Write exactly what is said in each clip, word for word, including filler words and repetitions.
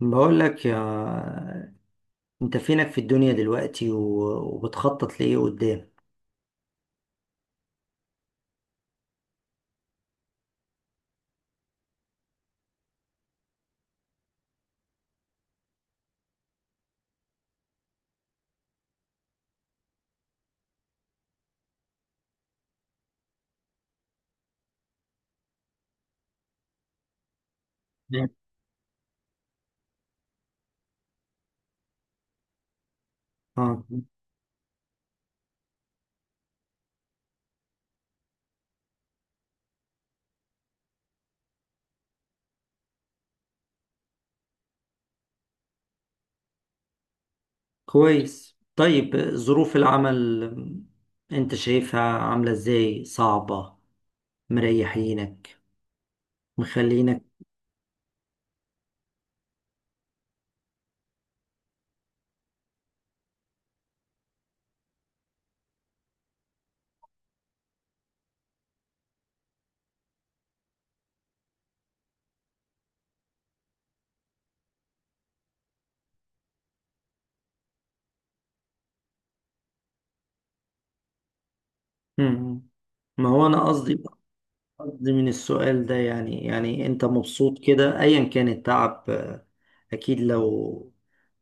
بقول لك يا، انت فينك في الدنيا دلوقتي و- وبتخطط لايه قدام؟ نعم. اه، كويس، طيب ظروف العمل انت شايفها عاملة ازاي؟ صعبة؟ مريحينك؟ مخلينك؟ مم. ما هو انا قصدي قصدي من السؤال ده يعني يعني انت مبسوط كده ايا كان التعب، آه، اكيد لو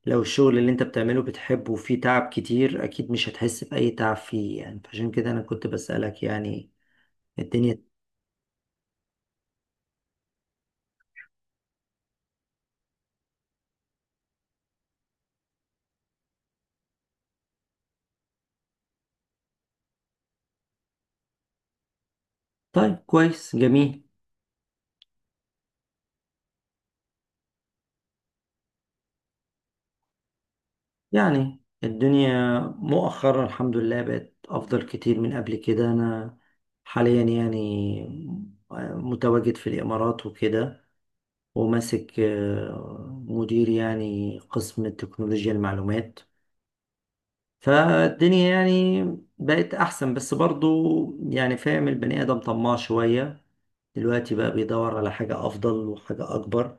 لو الشغل اللي انت بتعمله بتحبه وفيه تعب كتير اكيد مش هتحس بأي تعب فيه يعني، فعشان كده انا كنت بسألك يعني الدنيا. طيب، كويس، جميل. يعني الدنيا مؤخرا الحمد لله بقت افضل كتير من قبل كده، انا حاليا يعني متواجد في الامارات وكده، وماسك آه، مدير يعني قسم تكنولوجيا المعلومات، فالدنيا يعني بقت أحسن بس برضو يعني، فاهم، البني آدم طماع شوية، دلوقتي بقى بيدور على حاجة أفضل وحاجة أكبر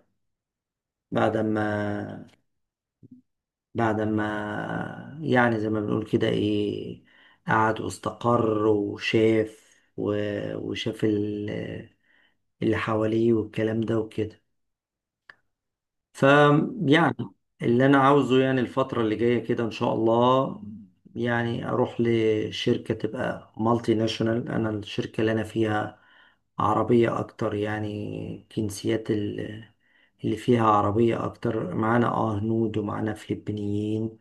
بعد ما، بعد ما يعني زي ما بنقول كده إيه، قعد واستقر وشاف و- وشاف ال- اللي حواليه والكلام ده وكده، فيعني اللي انا عاوزه يعني الفترة اللي جاية كده ان شاء الله، يعني اروح لشركة تبقى مالتي ناشونال. انا الشركة اللي انا فيها عربية اكتر، يعني جنسيات ال- اللي فيها عربية اكتر، معانا اه هنود ومعانا فلبينيين،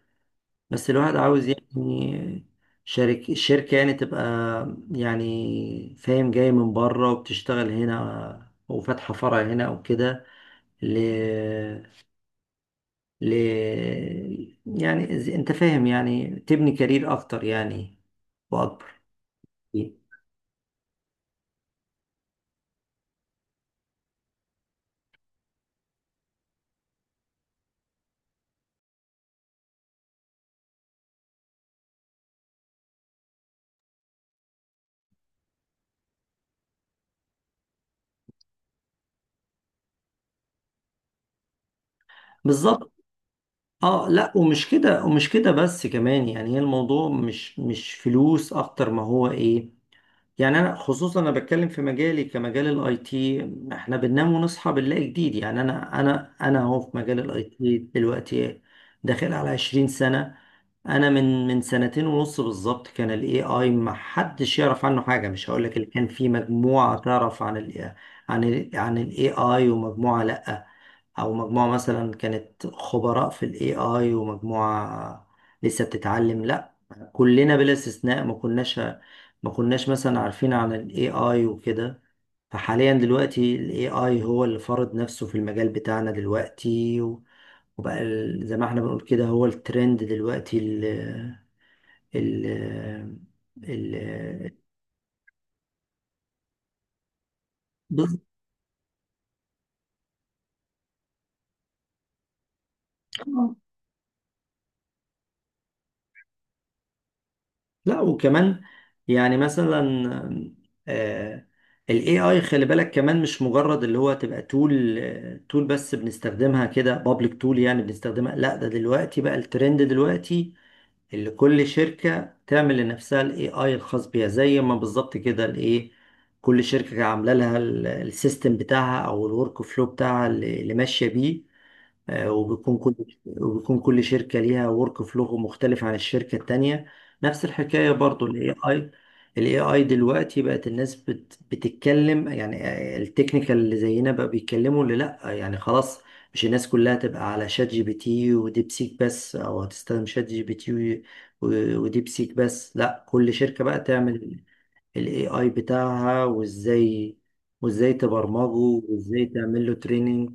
بس الواحد عاوز يعني شركة، الشركة يعني تبقى، يعني فاهم، جاي من بره وبتشتغل هنا وفاتحة فرع هنا او كده، ل... يعني زي- انت فاهم، يعني تبني كارير اكتر يعني واكبر. بالظبط. اه لا، ومش كده ومش كده بس كمان يعني، هي الموضوع مش مش فلوس اكتر ما هو ايه، يعني انا خصوصا انا بتكلم في مجالي كمجال الاي تي، احنا بننام ونصحى بنلاقي جديد، يعني انا انا انا اهو في مجال الاي تي دلوقتي داخل على عشرين سنة. انا من من سنتين ونص بالظبط كان الاي اي ما حدش يعرف عنه حاجة، مش هقول لك اللي كان في مجموعة تعرف عن ال عن ال عن الاي اي ومجموعة لا، او مجموعة مثلا كانت خبراء في الاي اي ومجموعة لسه بتتعلم لا، كلنا بلا استثناء ما كناش، ما كناش مثلا عارفين عن الاي اي وكده، فحاليا دلوقتي الاي اي هو اللي فرض نفسه في المجال بتاعنا دلوقتي، و- وبقى ال- زي ما احنا بنقول كده هو الترند دلوقتي ال ال ال لا. وكمان يعني مثلا، آه، ال إيه آي خلي بالك كمان مش مجرد اللي هو تبقى تول، تول بس بنستخدمها كده بابليك تول يعني بنستخدمها، لا ده دلوقتي بقى الترند دلوقتي اللي كل شركة تعمل لنفسها ال إيه آي الخاص بيها، زي ما بالظبط كده الايه، كل شركة عاملة لها السيستم بتاعها او الورك فلو بتاعها اللي اللي ماشية بيه، آه، وبيكون كل وبيكون كل شركة ليها ورك فلو مختلف عن الشركة التانية. نفس الحكاية برضو ال A I، ال A I دلوقتي بقت الناس بت بتتكلم يعني، آه، التكنيكال اللي زينا بقى بيتكلموا، اللي لأ يعني خلاص، مش الناس كلها تبقى على شات جي بي تي وديبسيك بس أو هتستخدم شات جي بي تي و- وديبسيك بس، لأ كل شركة بقى تعمل ال إيه آي بتاعها، وإزاي وإزاي تبرمجه وإزاي تعمل له تريننج.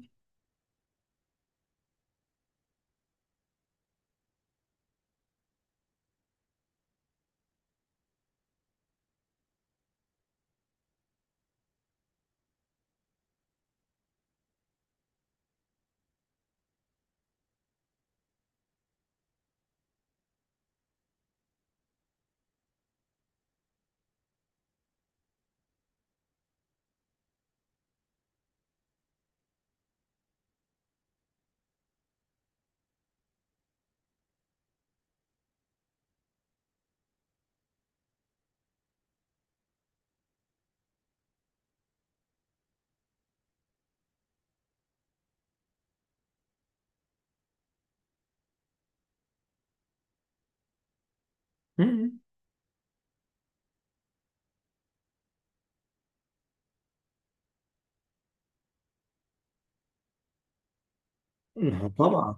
طبعا.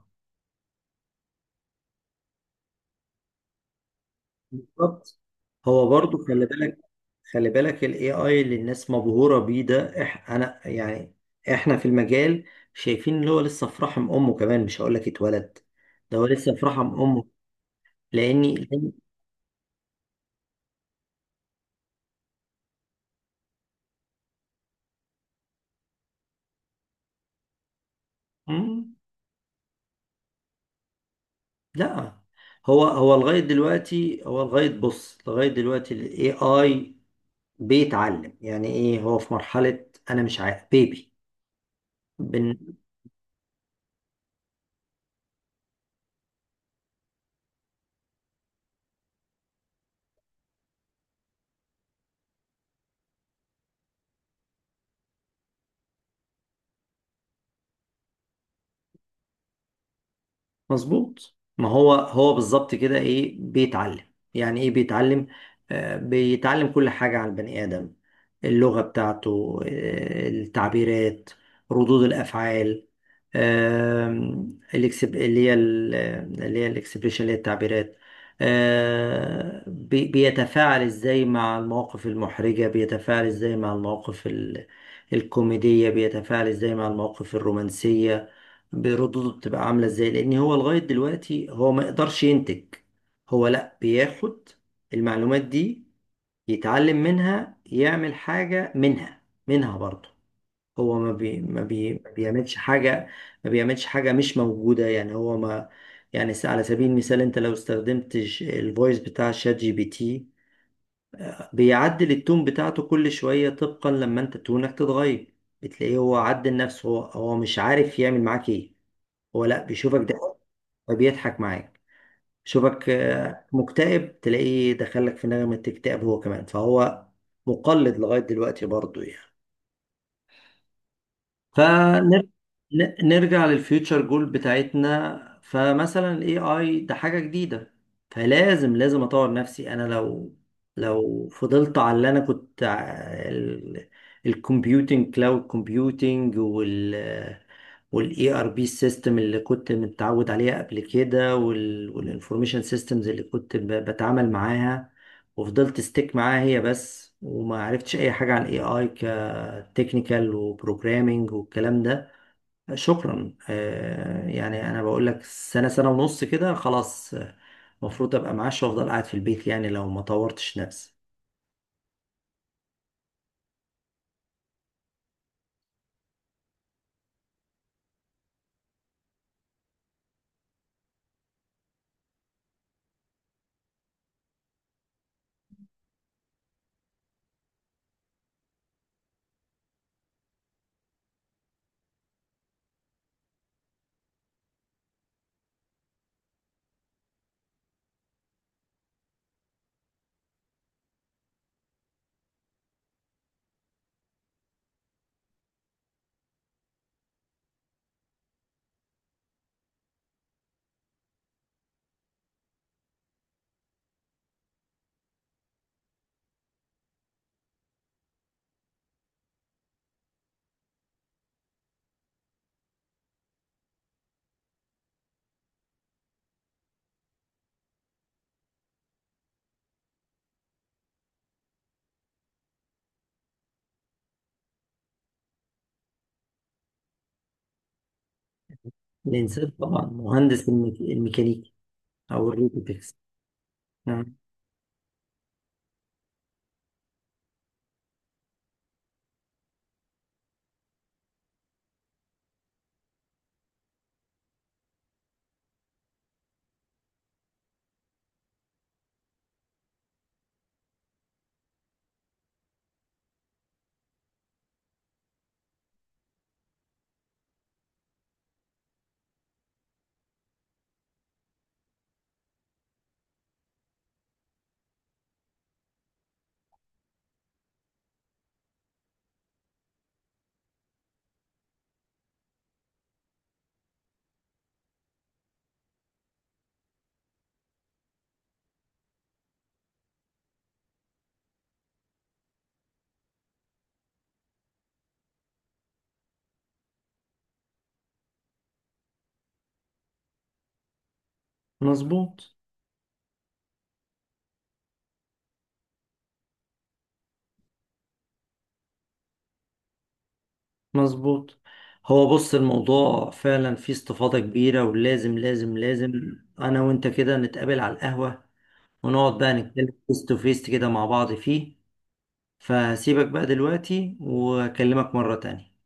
بالظبط. هو برضو خلي بالك، خلي بالك الاي اي اللي الناس مبهوره بيه ده، إح انا يعني احنا في المجال شايفين اللي هو لسه في رحم امه، كمان مش هقول لك اتولد، ده هو لسه في رحم امه، لاني لأن- مم، لا، هو هو لغايه دلوقتي هو لغايه بص لغايه دلوقتي الاي اي بيتعلم، يعني ايه هو في مرحله، انا مش عارف، بيبي. مظبوط. ما هو هو بالظبط كده ايه بيتعلم، يعني ايه بيتعلم، آه بيتعلم كل حاجة عن البني آدم، اللغة بتاعته، آه التعبيرات، ردود الأفعال، آم، الإكسب- اللي هي ال- اللي هي الاكسبريشن اللي هي التعبيرات، آه، بي- بيتفاعل ازاي مع المواقف المحرجة، بيتفاعل ازاي مع المواقف ال- الكوميدية، بيتفاعل ازاي مع المواقف الرومانسية، بردوده بتبقى عاملة ازاي، لان هو لغاية دلوقتي هو ما يقدرش ينتج، هو لا بياخد المعلومات دي يتعلم منها يعمل حاجة منها، منها برضه، هو ما بي ما بي ما بيعملش حاجة ما بيعملش حاجة مش موجودة يعني، هو ما يعني س- على سبيل المثال انت لو استخدمت ج- الفويس بتاع شات جي بي تي، بيعدل التون بتاعته كل شوية طبقا لما انت تونك تتغير، بتلاقيه هو عدل نفسه، هو هو مش عارف يعمل معاك ايه، هو لا بيشوفك ده فبيضحك معاك، شوفك آه، مكتئب تلاقيه دخلك في نغمة اكتئاب هو كمان، فهو مقلد لغاية دلوقتي برضو يعني، فنرجع للفيوتشر جول بتاعتنا، فمثلا الاي اي ده حاجة جديدة، فلازم، لازم اطور نفسي. انا لو لو فضلت على اللي انا كنت، الكمبيوتنج، كلاود كومبيوتنج، والاي ار بي سيستم اللي كنت متعود عليها قبل كده، والانفورميشن سيستمز اللي كنت ب- بتعامل معاها، وفضلت ستيك معاها هي بس وما عرفتش اي حاجه عن اي اي كتكنيكال وبروجرامينج والكلام ده، شكرا، آه، يعني انا بقول لك سنه، سنه ونص كده، خلاص، آه، المفروض ابقى معاش وافضل قاعد في البيت، يعني لو ما طورتش نفسي. الانسان طبعا، مهندس الميك- الميكانيكي او الروبوتكس. آه، مظبوط، مظبوط. هو بص الموضوع فعلا فيه استفاضة كبيرة ولازم، لازم، لازم أنا وأنت كده نتقابل على القهوة ونقعد بقى نتكلم فيس تو فيس كده مع بعض فيه، فسيبك بقى دلوقتي وأكلمك مرة تانية.